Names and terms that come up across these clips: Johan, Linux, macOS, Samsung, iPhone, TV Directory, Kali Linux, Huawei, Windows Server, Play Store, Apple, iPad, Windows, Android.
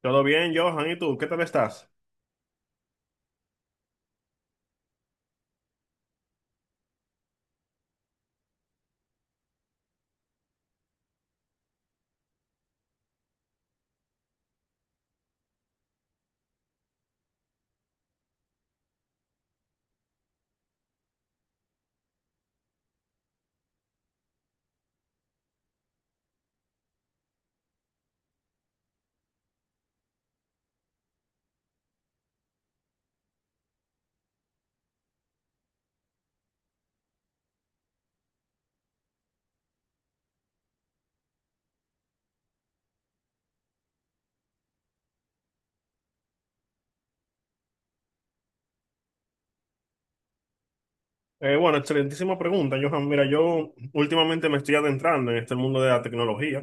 Todo bien, Johan, ¿y tú? ¿Qué tal estás? Bueno, excelentísima pregunta, Johan. Mira, yo últimamente me estoy adentrando en este mundo de la tecnología.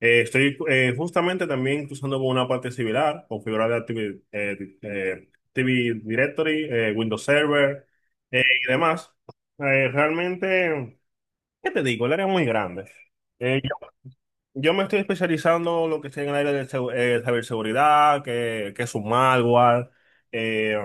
Estoy justamente también usando por una parte similar, configurar la TV, TV Directory, Windows Server, y demás. Realmente, ¿qué te digo? El área es muy grande. Eh, Yo me estoy especializando en lo que está en el área de ciberseguridad, que es un malware, eh,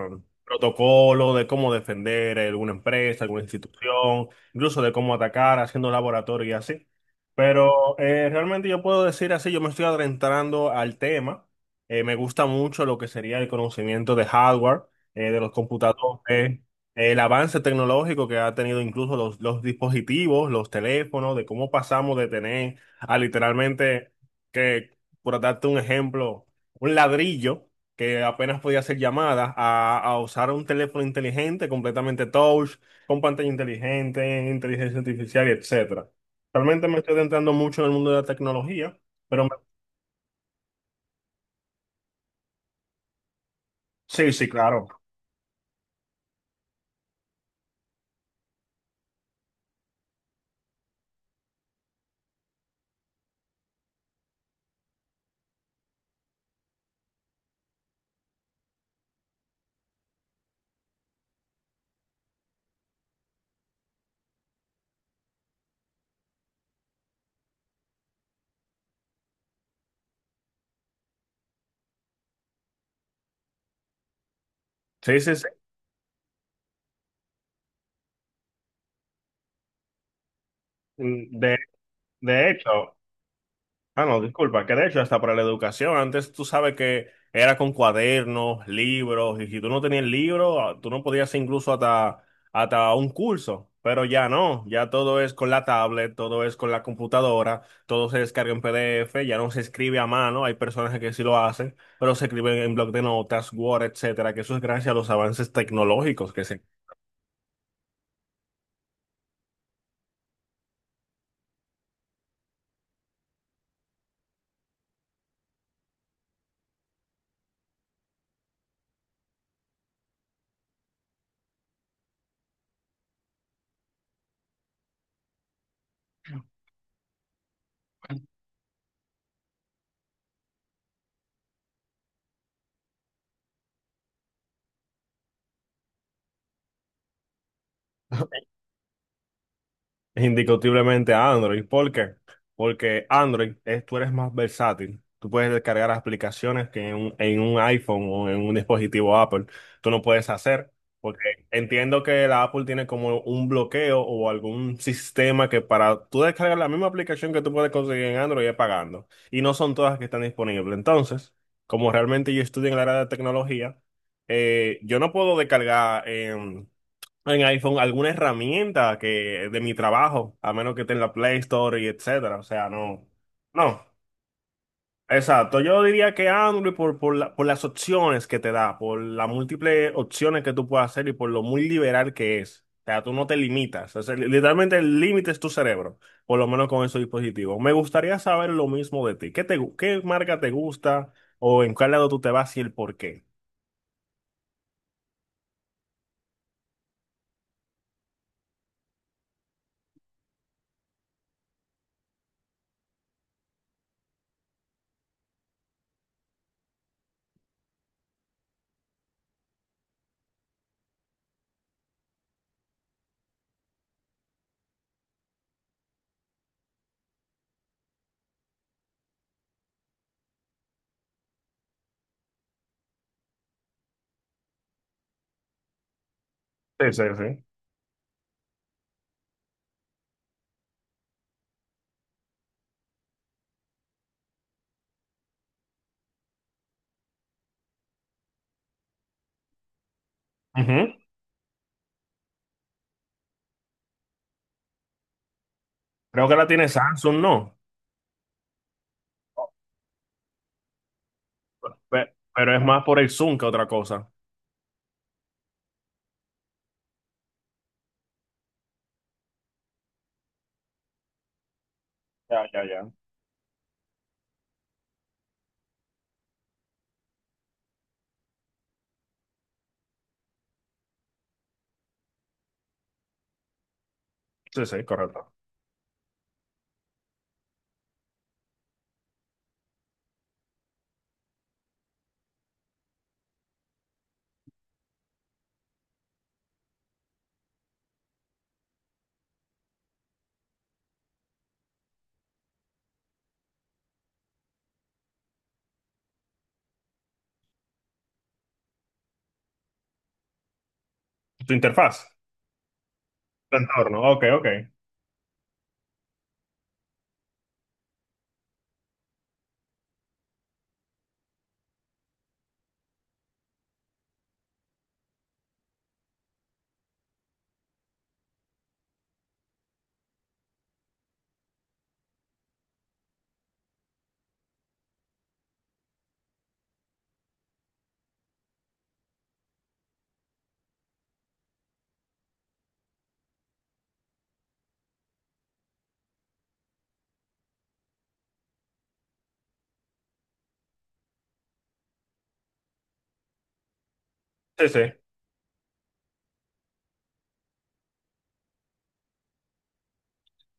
protocolo de cómo defender alguna empresa, alguna institución, incluso de cómo atacar haciendo laboratorio y así. Pero realmente yo puedo decir así, yo me estoy adentrando al tema. Me gusta mucho lo que sería el conocimiento de hardware, de los computadores, el avance tecnológico que ha tenido incluso los dispositivos, los teléfonos, de cómo pasamos de tener a literalmente que, por darte un ejemplo, un ladrillo que apenas podía hacer llamadas a usar un teléfono inteligente, completamente touch, con pantalla inteligente, inteligencia artificial, y etcétera. Realmente me estoy adentrando mucho en el mundo de la tecnología, pero sí, sí, claro. Sí, sí, sí. Mm, de hecho. Ah, no, disculpa, que de hecho hasta para la educación, antes tú sabes que era con cuadernos, libros, y si tú no tenías el libro, ah, tú no podías hacer incluso hasta, hasta un curso, pero ya no, ya todo es con la tablet, todo es con la computadora, todo se descarga en PDF, ya no se escribe a mano, hay personas que sí lo hacen, pero se escriben en bloc de notas, Word, etcétera, que eso es gracias a los avances tecnológicos que se... Indiscutiblemente a Android. ¿Por qué? Porque Android es, tú eres más versátil. Tú puedes descargar aplicaciones que en un iPhone o en un dispositivo Apple tú no puedes hacer. Porque entiendo que la Apple tiene como un bloqueo o algún sistema que para tú descargar la misma aplicación que tú puedes conseguir en Android es pagando. Y no son todas que están disponibles. Entonces, como realmente yo estudio en la área de tecnología, yo no puedo descargar en iPhone alguna herramienta que de mi trabajo, a menos que esté en la Play Store y etcétera. O sea, no. No, exacto. Yo diría que Android por, por las opciones que te da, por las múltiples opciones que tú puedes hacer y por lo muy liberal que es. O sea, tú no te limitas. O sea, literalmente el límite es tu cerebro, por lo menos con esos dispositivos. Me gustaría saber lo mismo de ti. ¿Qué te, qué marca te gusta o en cuál lado tú te vas y el por qué? Sí, sí, sí. Ujú. Creo que la tiene Samsung, ¿no? Pero es más por el Zoom que otra cosa. Ya, ya, ya. Sí, sí, correcto. Tu interfaz, tu entorno. Ok, ok. Sí, sí.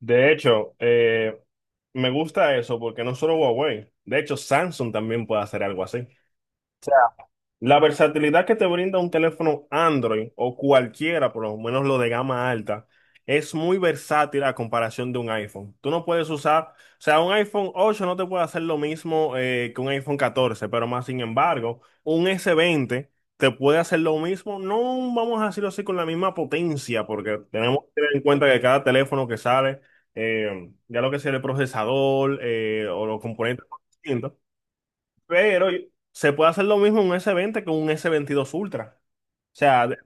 De hecho, me gusta eso porque no solo Huawei, de hecho Samsung también puede hacer algo así. La versatilidad que te brinda un teléfono Android o cualquiera, por lo menos lo de gama alta, es muy versátil a comparación de un iPhone. Tú no puedes usar, o sea, un iPhone ocho no te puede hacer lo mismo que un iPhone catorce, pero más sin embargo, un s veinte te puede hacer lo mismo, no vamos a decirlo así con la misma potencia, porque tenemos que tener en cuenta que cada teléfono que sale, ya lo que sea el procesador o los componentes, pero se puede hacer lo mismo en un s veinte que un s veintidós Ultra. O sea,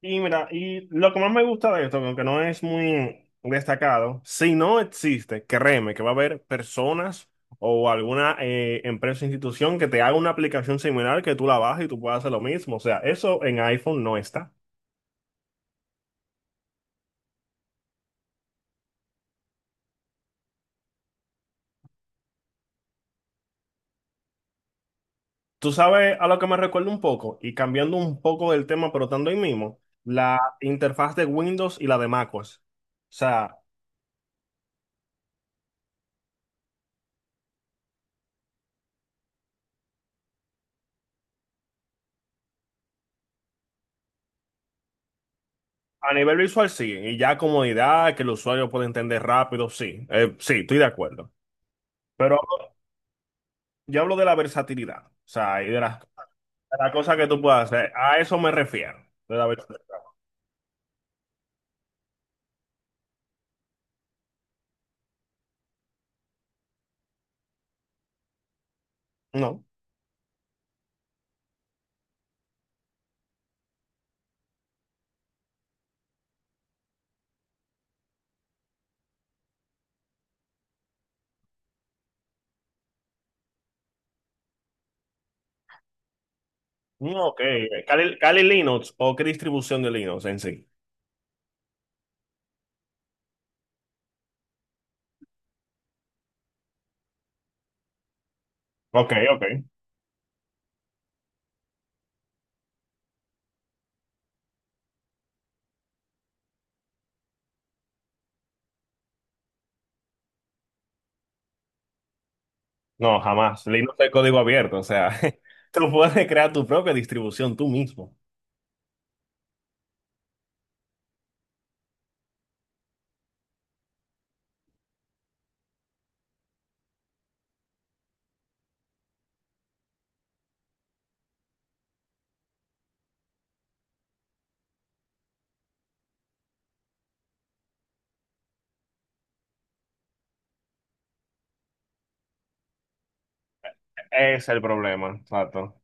y mira, y lo que más me gusta de esto, que aunque no es muy destacado, si no existe, créeme que va a haber personas o alguna empresa o institución que te haga una aplicación similar que tú la bajes y tú puedas hacer lo mismo. O sea, eso en iPhone no está. Tú sabes a lo que me recuerda un poco, y cambiando un poco del tema, pero estando ahí mismo, la interfaz de Windows y la de macOS. O sea, a nivel visual, sí. Y ya comodidad, que el usuario puede entender rápido, sí. Sí, estoy de acuerdo. Pero yo hablo de la versatilidad. O sea, y de las cosas que tú puedes hacer. A eso me refiero. De la versatilidad. No. No, ok. Kali, Kali Linux o qué distribución de Linux en sí. Ok, ok. No, jamás. Linux es código abierto. O sea, tú puedes crear tu propia distribución tú mismo. Ese es el problema. Exacto.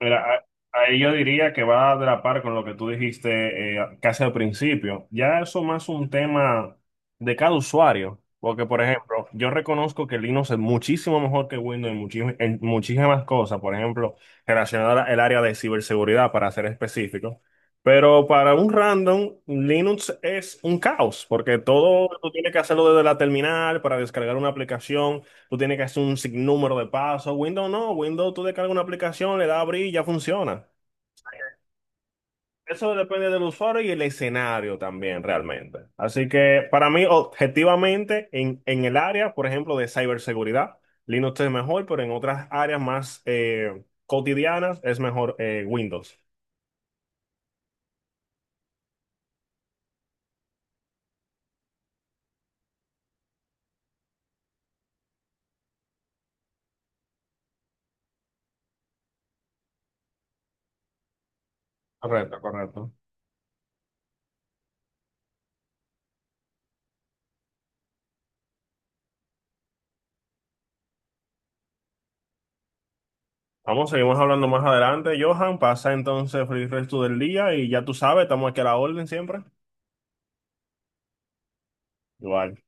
Mira, ahí yo diría que va de la par con lo que tú dijiste casi al principio. Ya eso más un tema de cada usuario, porque por ejemplo, yo reconozco que Linux es muchísimo mejor que Windows en, en muchísimas cosas, por ejemplo, relacionada al área de ciberseguridad, para ser específico. Pero para un random, Linux es un caos, porque todo tú tienes que hacerlo desde la terminal para descargar una aplicación. Tú tienes que hacer un sinnúmero de pasos. Windows no, Windows tú descargas una aplicación, le das a abrir y ya funciona. Eso depende del usuario y el escenario también realmente. Así que para mí, objetivamente, en el área, por ejemplo, de ciberseguridad, Linux es mejor, pero en otras áreas más cotidianas es mejor Windows. Correcto, correcto. Vamos, seguimos hablando más adelante, Johan. Pasa entonces feliz resto del día y ya tú sabes, estamos aquí a la orden siempre. Igual.